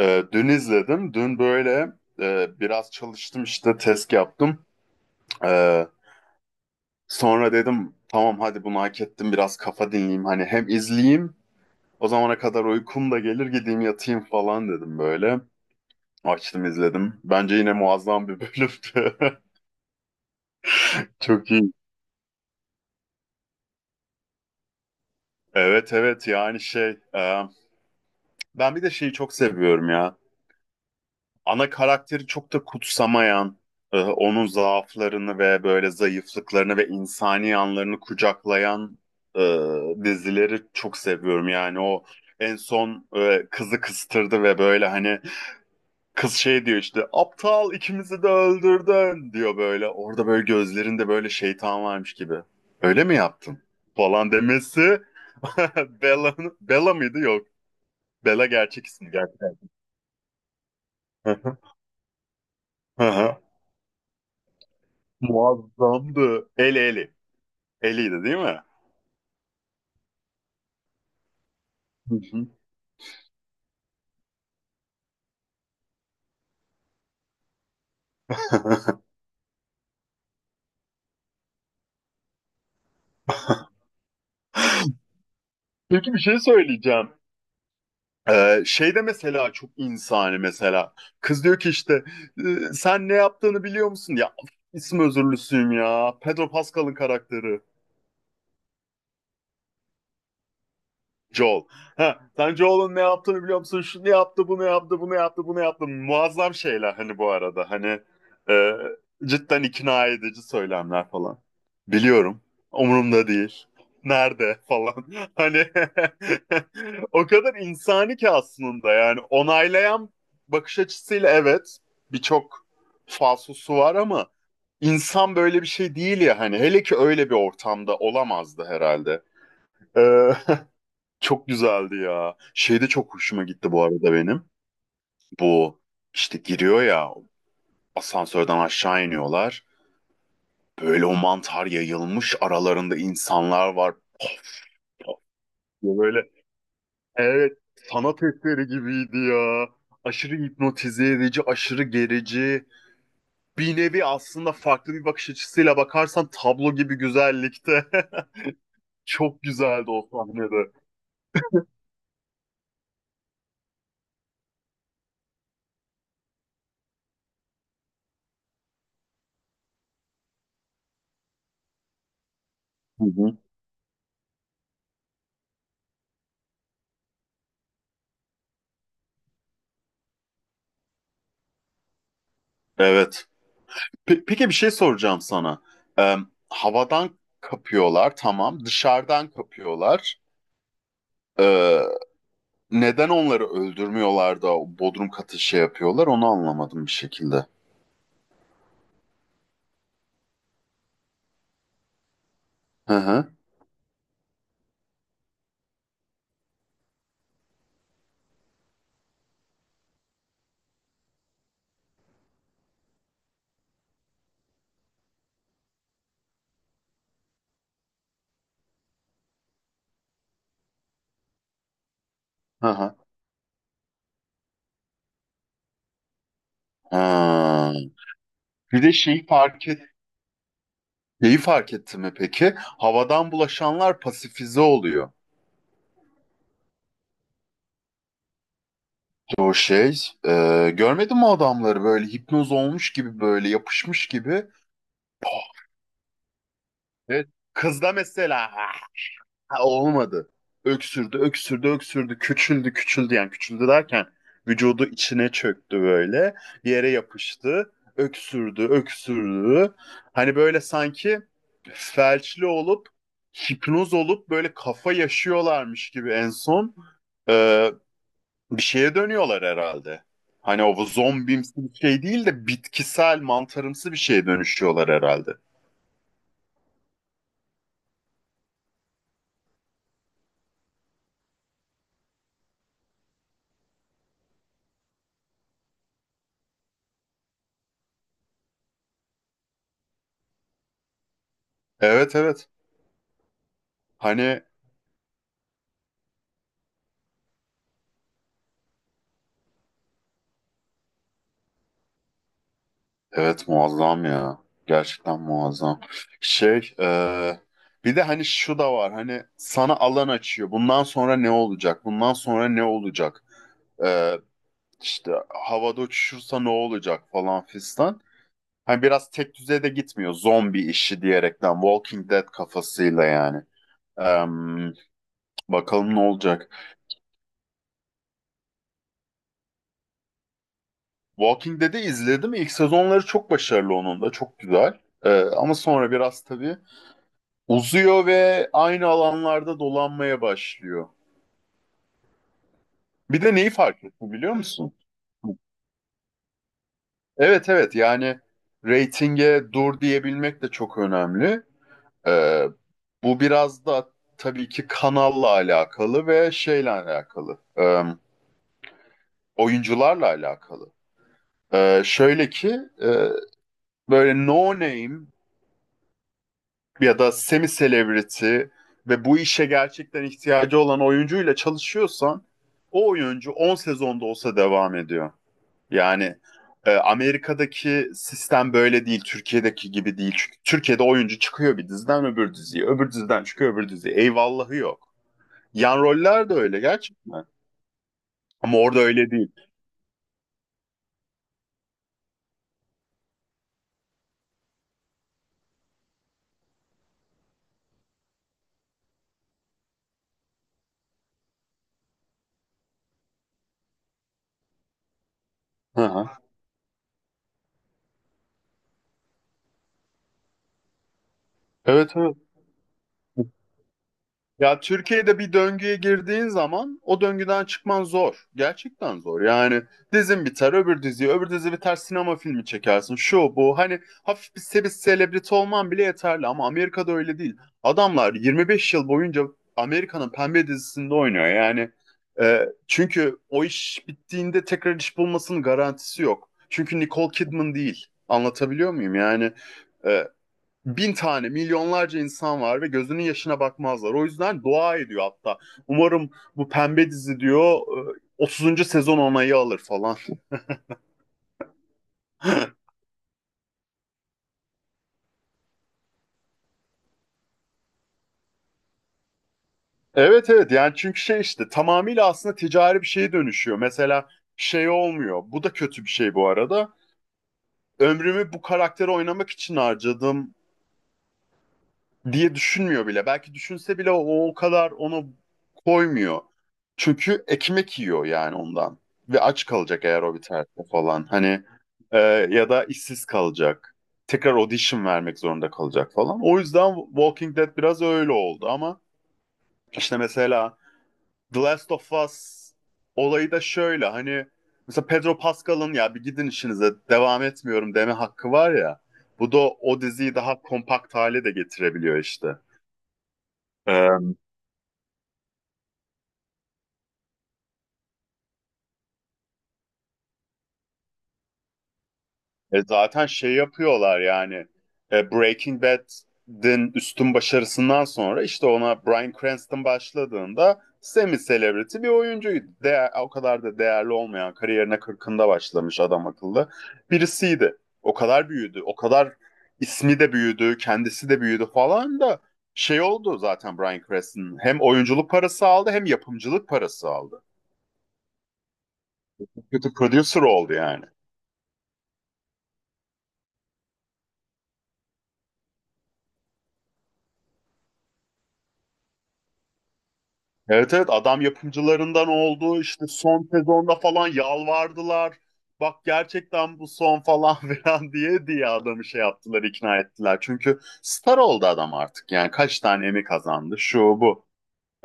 Dün izledim. Dün böyle biraz çalıştım işte test yaptım. Ee, Sonra dedim tamam hadi bunu hak ettim biraz kafa dinleyeyim. Hani hem izleyeyim o zamana kadar uykum da gelir gideyim yatayım falan dedim böyle. Açtım izledim. Bence yine muazzam bir bölümdü. Çok iyi. Evet evet, yani şey e, ben bir de şeyi çok seviyorum ya. Ana karakteri çok da kutsamayan, onun zaaflarını ve böyle zayıflıklarını ve insani yanlarını kucaklayan e, dizileri çok seviyorum. Yani o en son kızı kıstırdı ve böyle hani kız şey diyor işte aptal ikimizi de öldürdün diyor böyle. Orada böyle gözlerinde böyle şeytan varmış gibi. Öyle mi yaptın? Falan demesi. Bella, Bella mıydı? Yok. Bella gerçek ismi gerçekten. Hı hı. Muazzamdı. eli. Elliydi değil mi? Peki bir şey söyleyeceğim. Şey de mesela çok insani mesela. Kız diyor ki işte sen ne yaptığını biliyor musun? Ya isim özürlüsüyüm ya. Pedro Pascal'ın karakteri. Joel. Ha, sen Joel'ın ne yaptığını biliyor musun? Şunu yaptı, bunu yaptı, bunu yaptı, bunu yaptı. Muazzam şeyler hani bu arada. Hani e, cidden ikna edici söylemler falan. Biliyorum. Umurumda değil. Nerede falan. Hani o kadar insani ki aslında, yani onaylayan bakış açısıyla evet, birçok falsosu var ama insan böyle bir şey değil ya, hani hele ki öyle bir ortamda olamazdı herhalde. Ee, Çok güzeldi ya. Şey de çok hoşuma gitti bu arada benim. Bu işte giriyor ya, asansörden aşağı iniyorlar. Böyle o mantar yayılmış aralarında insanlar var. Of, of diye böyle, evet, sanat eseri gibiydi ya. Aşırı hipnotize edici, aşırı gerici. Bir nevi aslında farklı bir bakış açısıyla bakarsan tablo gibi güzellikte. Çok güzeldi o sahnede. Hı hı. Evet. Peki bir şey soracağım sana. Ee, Havadan kapıyorlar tamam. Dışarıdan kapıyorlar. Ee, Neden onları öldürmüyorlar da o bodrum katı şey yapıyorlar onu anlamadım bir şekilde. Hı hı. Hı hı. Ha. Bir de şeyi fark et, şeyi fark etti mi peki? Havadan bulaşanlar pasifize oluyor. O şey, görmedin mi adamları böyle hipnoz olmuş gibi böyle yapışmış gibi. Oh, evet. Kızda mesela. Ha, olmadı. Öksürdü, öksürdü, öksürdü. Küçüldü, küçüldü. Yani küçüldü derken vücudu içine çöktü böyle. Bir yere yapıştı. Öksürdü, öksürdü. Hani böyle sanki felçli olup, hipnoz olup böyle kafa yaşıyorlarmış gibi en son e, bir şeye dönüyorlar herhalde. Hani o zombimsi bir şey değil de bitkisel, mantarımsı bir şeye dönüşüyorlar herhalde. Evet evet. Hani evet muazzam ya. Gerçekten muazzam. Şey, bir de hani şu da var. Hani sana alan açıyor. Bundan sonra ne olacak? Bundan sonra ne olacak? E, işte havada uçuşursa ne olacak falan fistan. Hani biraz tek düzeye de gitmiyor. Zombi işi diyerekten. Walking Dead kafasıyla yani. Em, Bakalım ne olacak. Walking Dead'i izledim. İlk sezonları çok başarılı onun da. Çok güzel. E, ama sonra biraz tabii uzuyor ve aynı alanlarda dolanmaya başlıyor. Bir de neyi fark etti biliyor musun? Evet evet, yani reytinge dur diyebilmek de çok önemli. Ee, Bu biraz da tabii ki kanalla alakalı ve şeyle alakalı. Oyuncularla alakalı. Şöyle ki e, böyle no name ya da semi celebrity ve bu işe gerçekten ihtiyacı olan oyuncuyla çalışıyorsan o oyuncu 10 sezonda olsa devam ediyor. Yani Amerika'daki sistem böyle değil, Türkiye'deki gibi değil. Çünkü Türkiye'de oyuncu çıkıyor bir diziden öbür diziye, öbür diziden çıkıyor öbür diziye. Eyvallahı yok. Yan roller de öyle gerçekten. Ama orada öyle değil. Hı hı. Evet evet. Ya Türkiye'de bir döngüye girdiğin zaman o döngüden çıkman zor. Gerçekten zor. Yani dizin biter, öbür dizi, öbür dizi biter, sinema filmi çekersin. Şu bu hani hafif bir selebriti olman bile yeterli ama Amerika'da öyle değil. Adamlar 25 yıl boyunca Amerika'nın pembe dizisinde oynuyor. Yani çünkü o iş bittiğinde tekrar iş bulmasının garantisi yok. Çünkü Nicole Kidman değil. Anlatabiliyor muyum? Yani e, bin tane, milyonlarca insan var ve gözünün yaşına bakmazlar. O yüzden dua ediyor hatta. Umarım bu pembe dizi diyor 30. sezon onayı alır falan. Evet evet, yani çünkü şey işte tamamıyla aslında ticari bir şeye dönüşüyor. Mesela şey olmuyor. Bu da kötü bir şey bu arada. Ömrümü bu karakteri oynamak için harcadım diye düşünmüyor bile. Belki düşünse bile o kadar onu koymuyor. Çünkü ekmek yiyor yani ondan. Ve aç kalacak eğer o biterse falan. Hani e, ya da işsiz kalacak. Tekrar audition vermek zorunda kalacak falan. O yüzden Walking Dead biraz öyle oldu ama işte mesela The Last of Us olayı da şöyle, hani mesela Pedro Pascal'ın ya bir gidin işinize devam etmiyorum deme hakkı var ya. Bu da o diziyi daha kompakt hale de getirebiliyor işte. E, zaten şey yapıyorlar yani Breaking Bad'in üstün başarısından sonra işte ona Bryan Cranston başladığında semi celebrity bir oyuncuydu. O kadar da değerli olmayan kariyerine 40'ında başlamış, adam akıllı birisiydi. O kadar büyüdü, o kadar ismi de büyüdü, kendisi de büyüdü falan da şey oldu zaten Bryan Cranston. Hem oyunculuk parası aldı hem yapımcılık parası aldı. Kötü producer oldu yani. Evet evet, adam yapımcılarından oldu işte son sezonda falan yalvardılar. Bak gerçekten bu son falan filan diye diye adamı şey yaptılar, ikna ettiler. Çünkü star oldu adam artık yani kaç tane Emmy kazandı şu bu.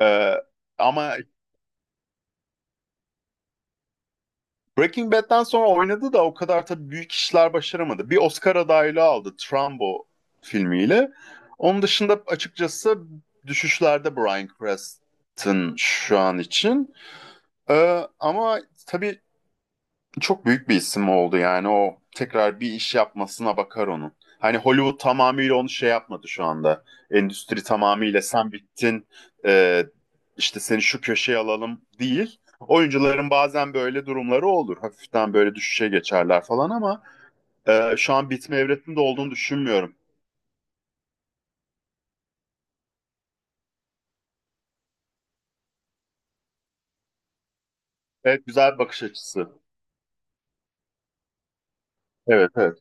Ee, Ama Breaking Bad'den sonra oynadı da o kadar tabii büyük işler başaramadı. Bir Oscar adaylığı aldı Trumbo filmiyle. Onun dışında açıkçası düşüşlerde Bryan Cranston şu an için. Ama tabii çok büyük bir isim oldu yani o, tekrar bir iş yapmasına bakar onun. Hani Hollywood tamamıyla onu şey yapmadı şu anda. Endüstri tamamıyla sen bittin, e, işte seni şu köşeye alalım değil. Oyuncuların bazen böyle durumları olur. Hafiften böyle düşüşe geçerler falan ama şu an bitme evresinde olduğunu düşünmüyorum. Evet, güzel bir bakış açısı. Evet evet.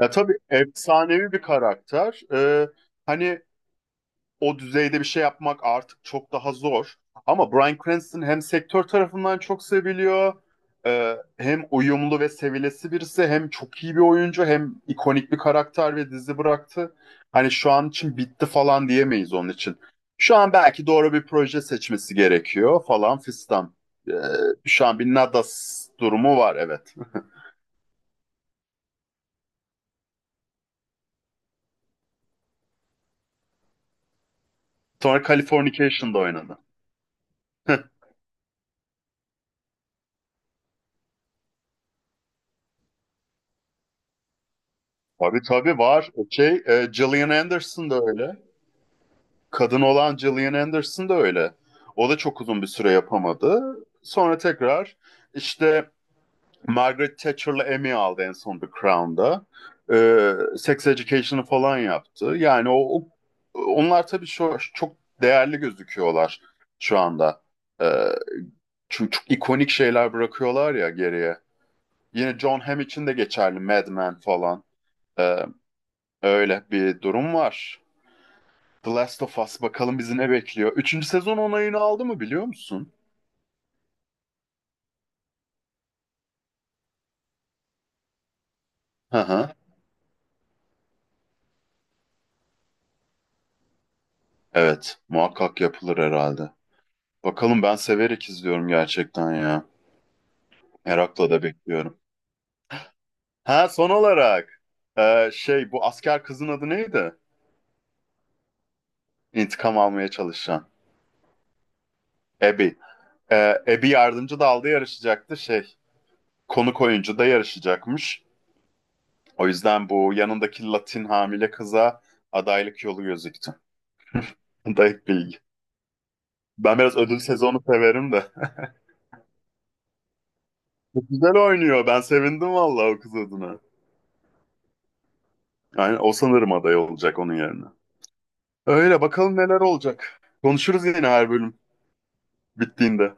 Ya tabii efsanevi bir karakter. E, hani o düzeyde bir şey yapmak artık çok daha zor. Ama Bryan Cranston hem sektör tarafından çok seviliyor, hem uyumlu ve sevilesi birisi, hem çok iyi bir oyuncu, hem ikonik bir karakter ve dizi bıraktı. Hani şu an için bitti falan diyemeyiz onun için. Şu an belki doğru bir proje seçmesi gerekiyor falan fistan. E, Şu an bir Nadas durumu var, evet. Sonra Californication'da oynadı. Tabii tabii var. Şey, Gillian Anderson da öyle. Kadın olan Gillian Anderson da öyle. O da çok uzun bir süre yapamadı. Sonra tekrar işte Margaret Thatcher'la Emmy aldı en son The Crown'da. Sex Education'ı falan yaptı. Yani onlar tabii şu, çok değerli gözüküyorlar şu anda. Ee, Çünkü çok ikonik şeyler bırakıyorlar ya geriye. Yine John Hamm için de geçerli, Mad Men falan. Ee, Öyle bir durum var. The Last of Us bakalım bizi ne bekliyor. Üçüncü sezon onayını aldı mı biliyor musun? Hı hı. Evet, muhakkak yapılır herhalde. Bakalım, ben severek izliyorum gerçekten ya. Merakla da bekliyorum. Ha, son olarak şey bu asker kızın adı neydi? İntikam almaya çalışan. Abby. E, Abby yardımcı dalda yarışacaktı şey. Konuk oyuncu da yarışacakmış. O yüzden bu yanındaki Latin hamile kıza adaylık yolu gözüktü. Dayık bilgi. Ben biraz ödül sezonu severim de. Çok güzel oynuyor. Ben sevindim vallahi o kız adına. Yani o sanırım aday olacak onun yerine. Öyle bakalım neler olacak. Konuşuruz yine her bölüm bittiğinde.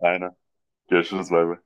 Aynen. Görüşürüz, bay bay.